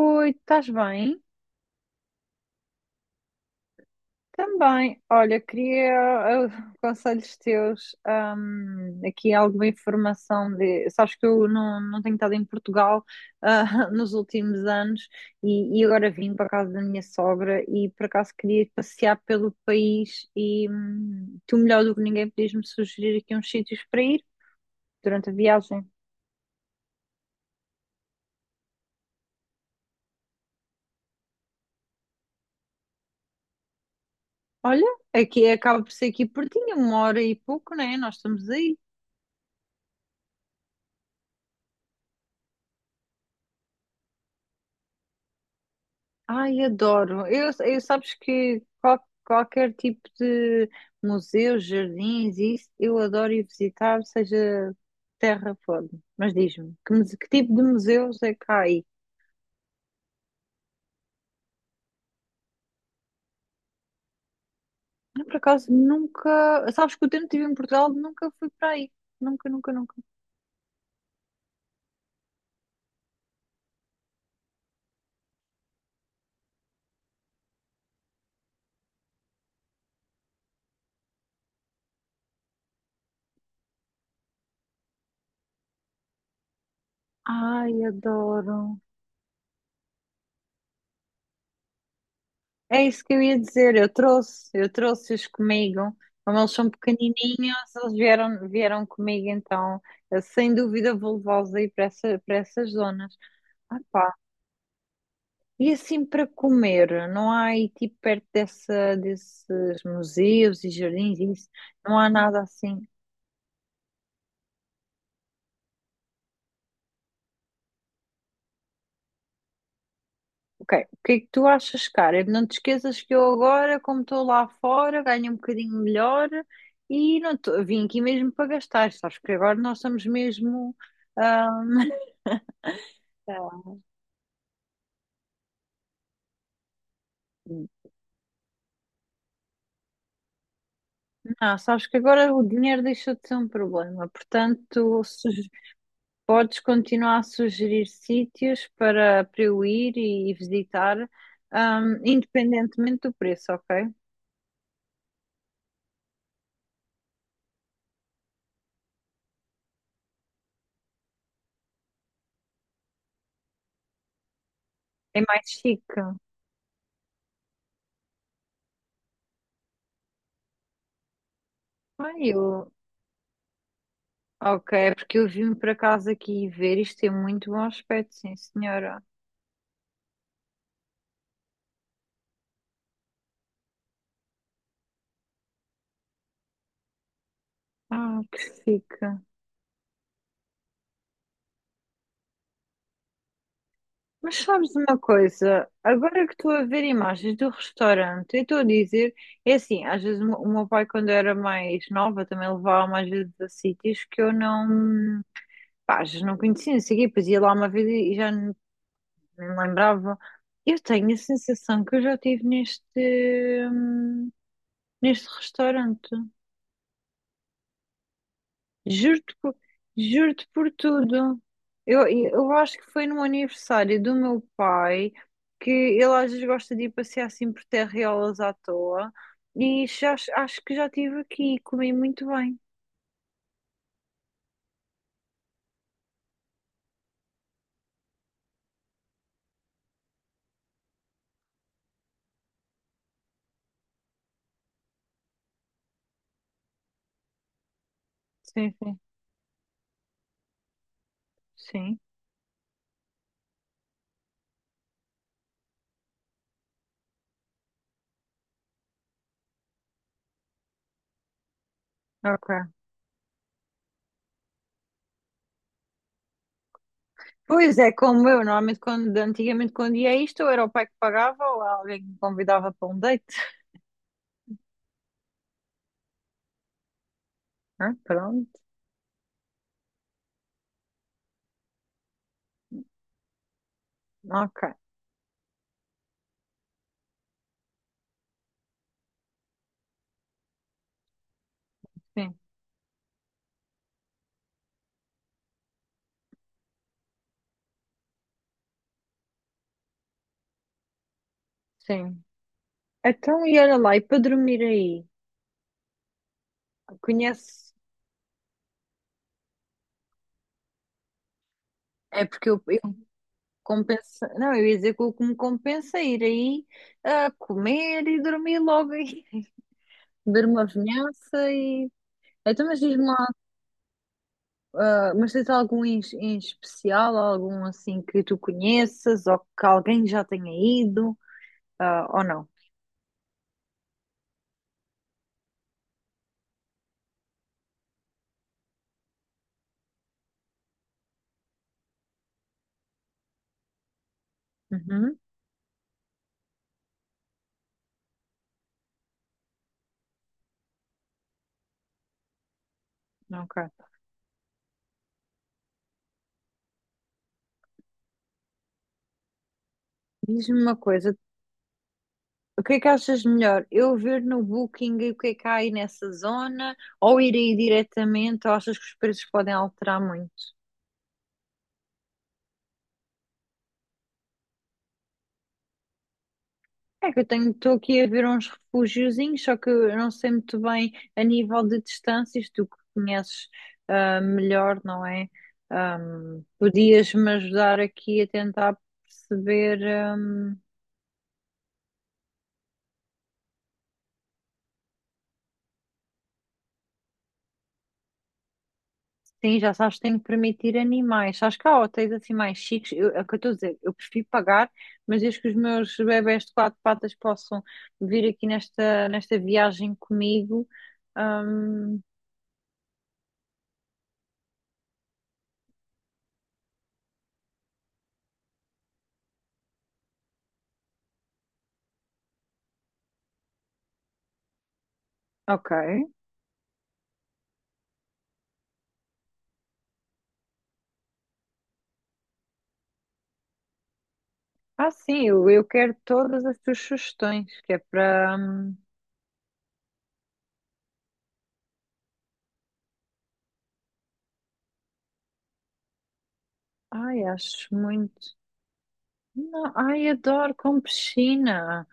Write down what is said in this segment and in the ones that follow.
Oi, estás bem? Também. Olha, queria eh, conselhos teus, aqui alguma informação de. Sabes que eu não tenho estado em Portugal, nos últimos anos e agora vim para a casa da minha sogra e por acaso queria ir passear pelo país e tu melhor do que ninguém podias-me sugerir aqui uns sítios para ir durante a viagem. Olha, aqui acaba por ser aqui pertinho, uma hora e pouco, né? Nós estamos aí. Ai, adoro. Eu sabes que qualquer tipo de museus, jardins, isso, eu adoro ir visitar, seja terra for. Mas diz-me, que, que tipo de museus é que há aí? Eu, por acaso, nunca... Sabes que o tempo que estive em Portugal, nunca fui para aí. Nunca, nunca, nunca. Ai, adoro. É isso que eu ia dizer, eu trouxe-os comigo, como eles são pequenininhos, eles vieram comigo, então sem dúvida vou levá-los aí para para essas zonas. Ah pá, e assim para comer, não há aí tipo perto desses museus e jardins, e isso, não há nada assim. Ok, o que é que tu achas, cara? Não te esqueças que eu agora, como estou lá fora, ganho um bocadinho melhor e não tô- vim aqui mesmo para gastar, sabes que agora nós estamos mesmo ah, sei lá. Não, sabes que agora o dinheiro deixou de ser um problema, portanto, podes continuar a sugerir sítios para eu ir e visitar, independentemente do preço, ok? É mais chique. Ai, eu... Ok, é porque eu vim para casa aqui ver, isto tem muito bom aspecto, sim, senhora. Ah, que chique. Mas sabes uma coisa? Agora que estou a ver imagens do restaurante, eu estou a dizer, é assim, às vezes o meu pai, quando era mais nova, também levava-me às vezes a sítios que eu não, pá, às vezes não conhecia, não sei o quê, depois ia lá uma vez e já nem me lembrava. Eu tenho a sensação que eu já estive hum, neste restaurante. Juro-te por, juro-te por tudo. Eu acho que foi no aniversário do meu pai que ele às vezes gosta de ir passear assim por terreolas à toa e já, acho que já estive aqui e comi muito bem. Sim, sim, sim. Ok. Pois é, como eu, normalmente quando, antigamente quando ia a isto, ou era o pai que pagava ou alguém que me convidava para um date. Ah, pronto, ok, sim, sim. Então, e era lá, e para dormir aí? Conhece? É porque eu, compensa... Não, eu ia dizer que o que me compensa é ir aí a comer e dormir logo aí. Beber uma vinhaça e. Então, mas diz-me lá, mas tens algum em especial, algum assim que tu conheças ou que alguém já tenha ido, ou não? Uhum, ok. Diz-me uma coisa, o que é que achas melhor? Eu ver no Booking e o que é que há aí nessa zona ou ir aí diretamente ou achas que os preços podem alterar muito? É que eu tenho, estou aqui a ver uns refugiozinhos, só que eu não sei muito bem a nível de distâncias, tu que conheces melhor, não é? Podias-me ajudar aqui a tentar perceber. Sim, já sabes que tenho que permitir animais. Sabes que há hotéis assim mais chiques, eu, é o que eu estou a dizer, eu prefiro pagar, mas desde que os meus bebés de quatro patas possam vir aqui nesta viagem comigo. ahm, ok. Ah, sim, eu quero todas as tuas sugestões, que é para. Ai, acho muito. Não, ai, adoro com piscina.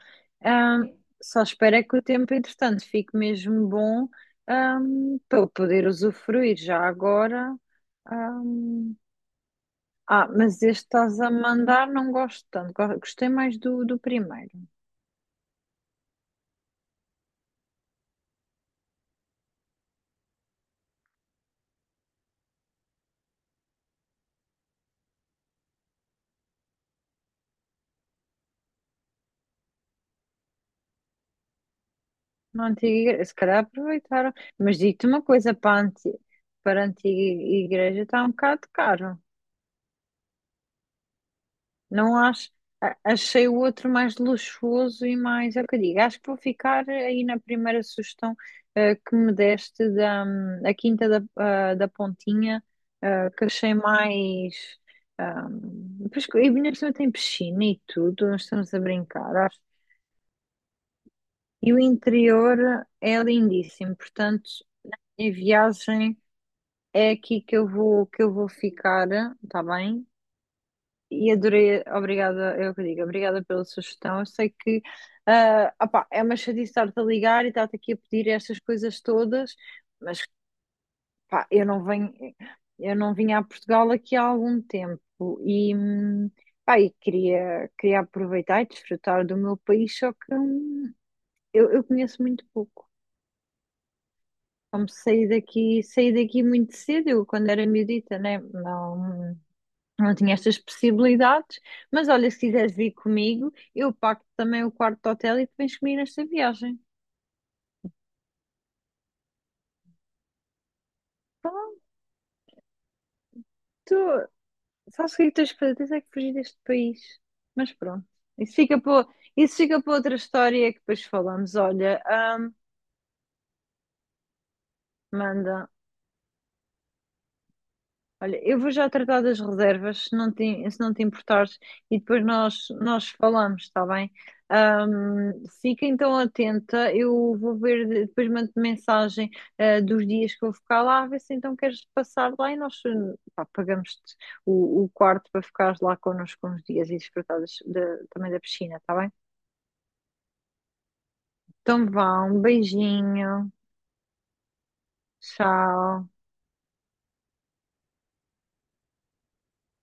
Só espero é que o tempo, entretanto, fique mesmo bom, para eu poder usufruir já agora. hum. Ah, mas este estás a mandar, não gosto tanto. Gostei mais do, do primeiro. Na antiga igreja, se calhar aproveitaram. Mas digo-te uma coisa, para a antiga igreja está um bocado caro. Não acho. Achei o outro mais luxuoso e mais. É o que eu digo. Acho que vou ficar aí na primeira sugestão que me deste da a Quinta da, da Pontinha, que achei mais. Pois e ainda por cima tem piscina e tudo, nós estamos a brincar. Acho. E o interior é lindíssimo, portanto, em viagem é aqui que que eu vou ficar, está bem? E adorei, obrigada, é o que eu digo, obrigada pela sugestão. Eu sei que opá, é uma chatice estar-te a ligar e estar-te aqui a pedir estas coisas todas, mas pá, eu não vim a Portugal aqui há algum tempo e, pá, e queria aproveitar e desfrutar do meu país, só que eu conheço muito pouco. Como saí daqui muito cedo, eu quando era miudita, né? Não, não tinha estas possibilidades, mas olha, se quiseres vir comigo, eu pago também o quarto de hotel e tu vens comigo nesta viagem. Tu, sabes o que é que tens que fazer? Tens é que fugir deste país. Mas pronto, isso fica para, isso fica para outra história que depois falamos. Olha, manda. Olha, eu vou já tratar das reservas, se não te importares, e depois nós falamos, está bem? Ahm, fica então atenta, eu vou ver, depois mando mensagem, dos dias que vou ficar lá, a ver se então queres passar lá e nós, pá, pagamos-te o quarto para ficares lá connosco uns dias e desfrutares também da piscina, está bem? Então vá, um beijinho, tchau.